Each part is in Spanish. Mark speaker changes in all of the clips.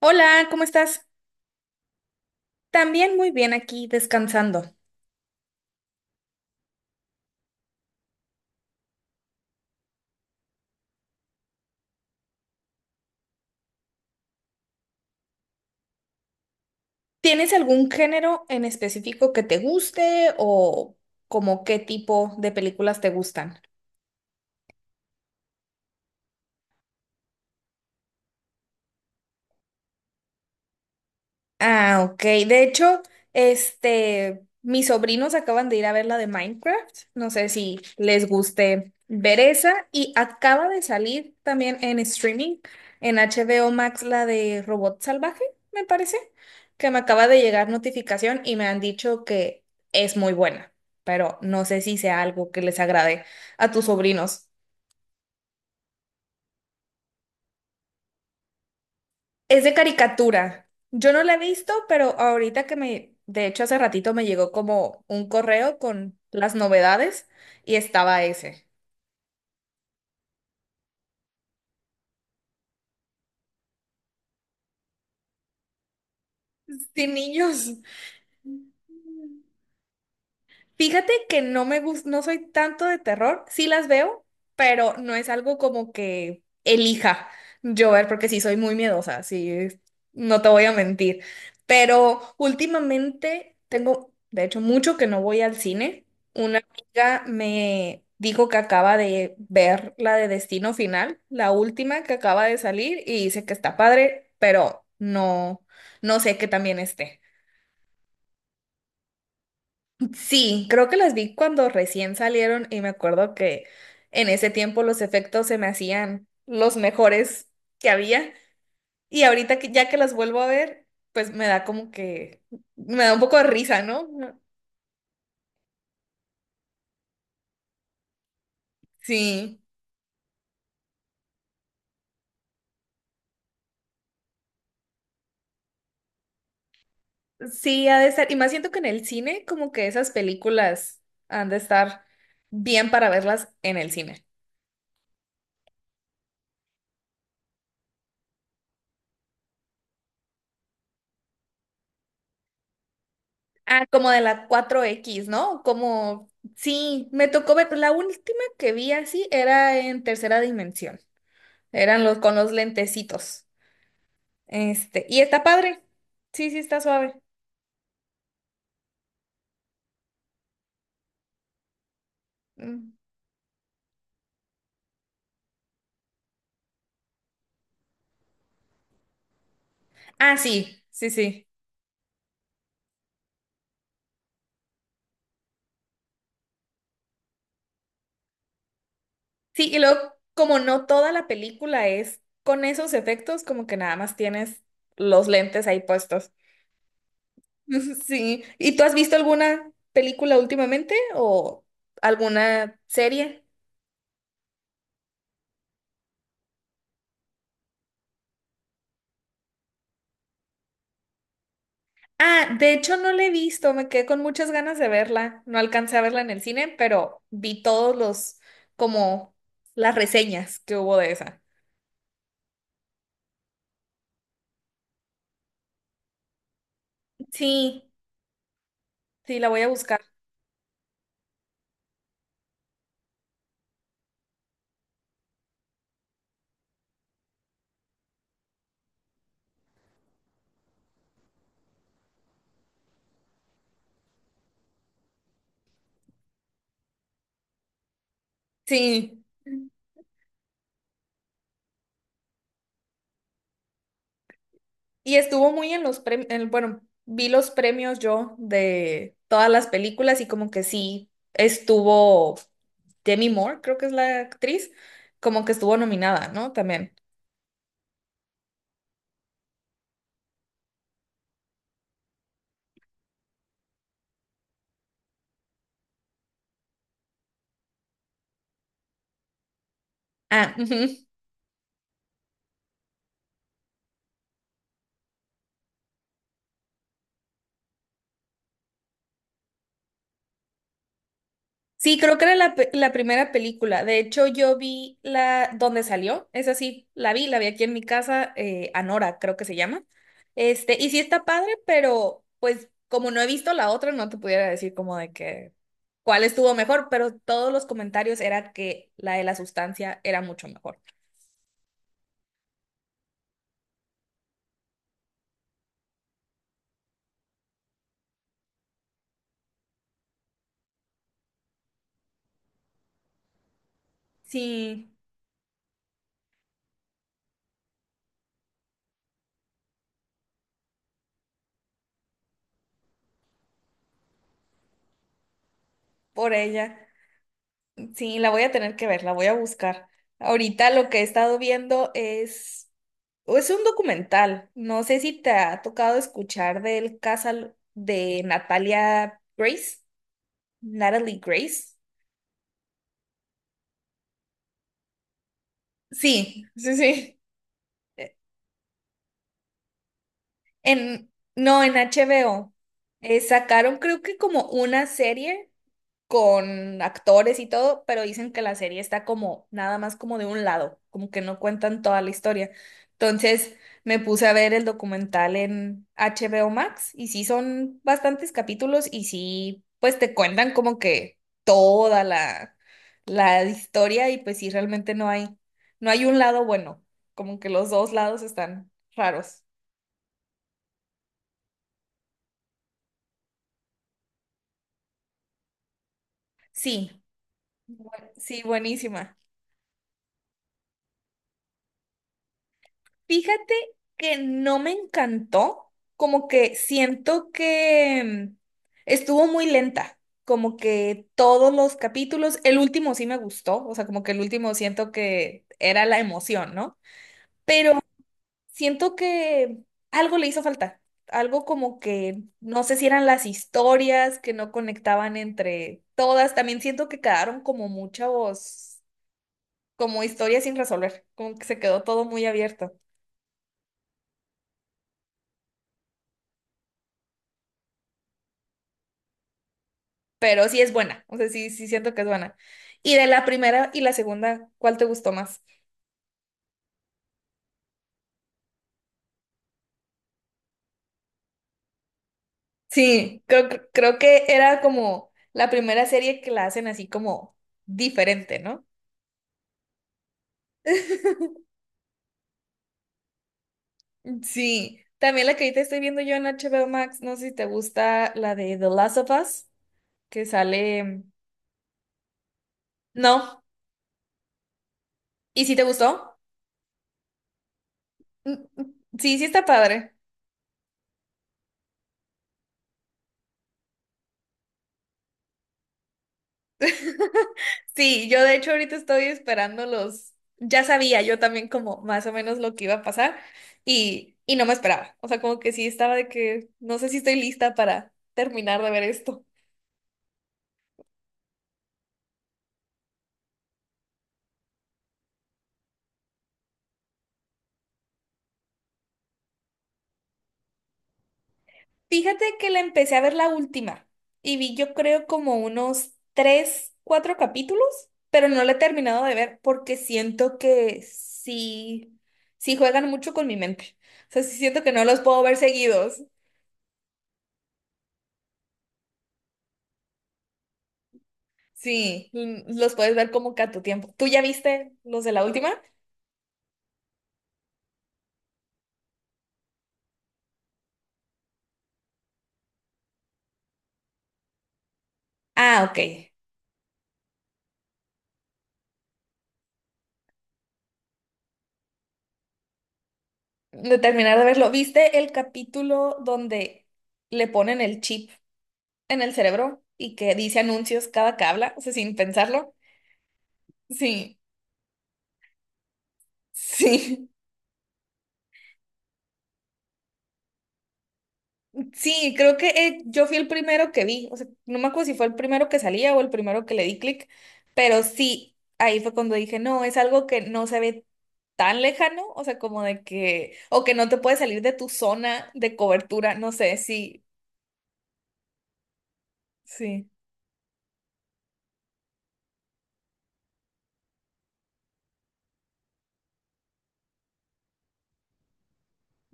Speaker 1: Hola, ¿cómo estás? También muy bien aquí descansando. ¿Tienes algún género en específico que te guste o como qué tipo de películas te gustan? Ah, ok. De hecho, mis sobrinos acaban de ir a ver la de Minecraft. No sé si les guste ver esa. Y acaba de salir también en streaming, en HBO Max, la de Robot Salvaje, me parece, que me acaba de llegar notificación y me han dicho que es muy buena. Pero no sé si sea algo que les agrade a tus sobrinos. Es de caricatura. Yo no la he visto, pero ahorita de hecho hace ratito me llegó como un correo con las novedades y estaba ese. Sin niños. Fíjate que no me gusta, no soy tanto de terror, sí las veo, pero no es algo como que elija yo ver, porque sí soy muy miedosa, sí, no te voy a mentir. Pero últimamente tengo, de hecho, mucho que no voy al cine. Una amiga me dijo que acaba de ver la de Destino Final, la última que acaba de salir, y dice que está padre, pero no, no sé que también esté. Sí, creo que las vi cuando recién salieron y me acuerdo que en ese tiempo los efectos se me hacían los mejores que había y ahorita que ya que las vuelvo a ver, pues me da como que me da un poco de risa, ¿no? Sí, sí, ha de estar. Y más siento que en el cine como que esas películas han de estar bien para verlas en el cine. Ah, como de la cuatro x, ¿no? Como, sí, me tocó ver, la última que vi así era en tercera dimensión. Eran los con los lentecitos. Y está padre. Sí, sí, está suave. Mm. Ah, sí, sí, sí. Sí, y luego, como no toda la película es con esos efectos, como que nada más tienes los lentes ahí puestos. Sí. ¿Y tú has visto alguna película últimamente o alguna serie? Ah, de hecho no la he visto, me quedé con muchas ganas de verla. No alcancé a verla en el cine, pero vi todos los, como las reseñas que hubo de esa. Sí, sí, la voy a buscar. Sí. Y estuvo muy en los premios, bueno, vi los premios yo de todas las películas y como que sí, estuvo Demi Moore, creo que es la actriz, como que estuvo nominada, ¿no? También. Ah, ujú. Sí, creo que era la, la primera película. De hecho, yo vi la donde salió. Es así, la vi aquí en mi casa, Anora, creo que se llama. Y sí está padre, pero pues como no he visto la otra, no te pudiera decir como de que cuál estuvo mejor, pero todos los comentarios era que la de la sustancia era mucho mejor. Sí, por ella. Sí, la voy a tener que ver, la voy a buscar. Ahorita lo que he estado viendo es, o es un documental. No sé si te ha tocado escuchar del caso de Natalia Grace, Natalie Grace. Sí, sí, sí. Eh, no, en HBO. Sacaron creo que como una serie, con actores y todo, pero dicen que la serie está como nada más como de un lado, como que no cuentan toda la historia. Entonces me puse a ver el documental en HBO Max y sí son bastantes capítulos y sí, pues te cuentan como que toda la, la historia y pues sí, realmente no hay, no hay un lado bueno, como que los dos lados están raros. Sí, bu- sí, buenísima. Fíjate que no me encantó, como que siento que mm, estuvo muy lenta, como que todos los capítulos, el último sí me gustó, o sea, como que el último siento que era la emoción, ¿no? Pero siento que algo le hizo falta, algo como que no sé si eran las historias que no conectaban entre todas, también siento que quedaron como muchos, como historias sin resolver, como que se quedó todo muy abierto. Pero sí es buena, o sea, sí, sí siento que es buena. Y de la primera y la segunda, ¿cuál te gustó más? Sí, creo, creo que era como la primera serie que la hacen así como diferente, ¿no? Sí, también la que ahorita estoy viendo yo en HBO Max, no sé si te gusta la de The Last of Us, que sale... No, ¿y si te gustó? Mm, mm, sí, sí está padre. Sí, yo de hecho ahorita estoy esperando los, ya sabía yo también como más o menos lo que iba a pasar y no me esperaba. O sea, como que sí estaba de que no sé si estoy lista para terminar de ver esto. Fíjate que la empecé a ver la última y vi yo creo como unos tres, cuatro capítulos, pero no la he terminado de ver porque siento que sí, sí juegan mucho con mi mente. O sea, sí siento que no los puedo ver seguidos. Sí, los puedes ver como que a tu tiempo. ¿Tú ya viste los de la última? Ah, ok. De terminar de verlo, ¿viste el capítulo donde le ponen el chip en el cerebro y que dice anuncios cada que habla? O sea, sin pensarlo. Sí, sí. Sí, creo que yo fui el primero que vi, o sea, no me acuerdo si fue el primero que salía o el primero que le di clic, pero sí, ahí fue cuando dije, no, es algo que no se ve tan lejano, o sea, como de que, o que no te puede salir de tu zona de cobertura, no sé, sí, sí,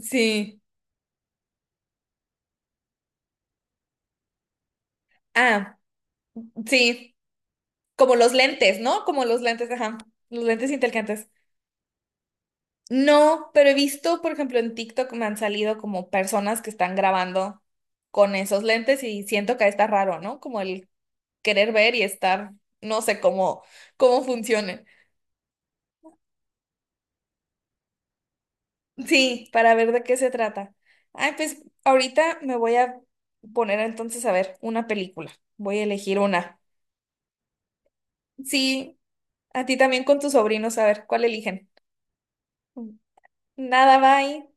Speaker 1: sí, ah, sí, como los lentes, ¿no? Como los lentes, ajá, los lentes inteligentes. No, pero he visto, por ejemplo, en TikTok me han salido como personas que están grabando con esos lentes y siento que está raro, ¿no? Como el querer ver y estar, no sé cómo, cómo funcione. Sí, para ver de qué se trata. Ay, pues ahorita me voy a poner entonces a ver una película. Voy a elegir una. Sí, a ti también con tus sobrinos, a ver cuál eligen. Nada, bye.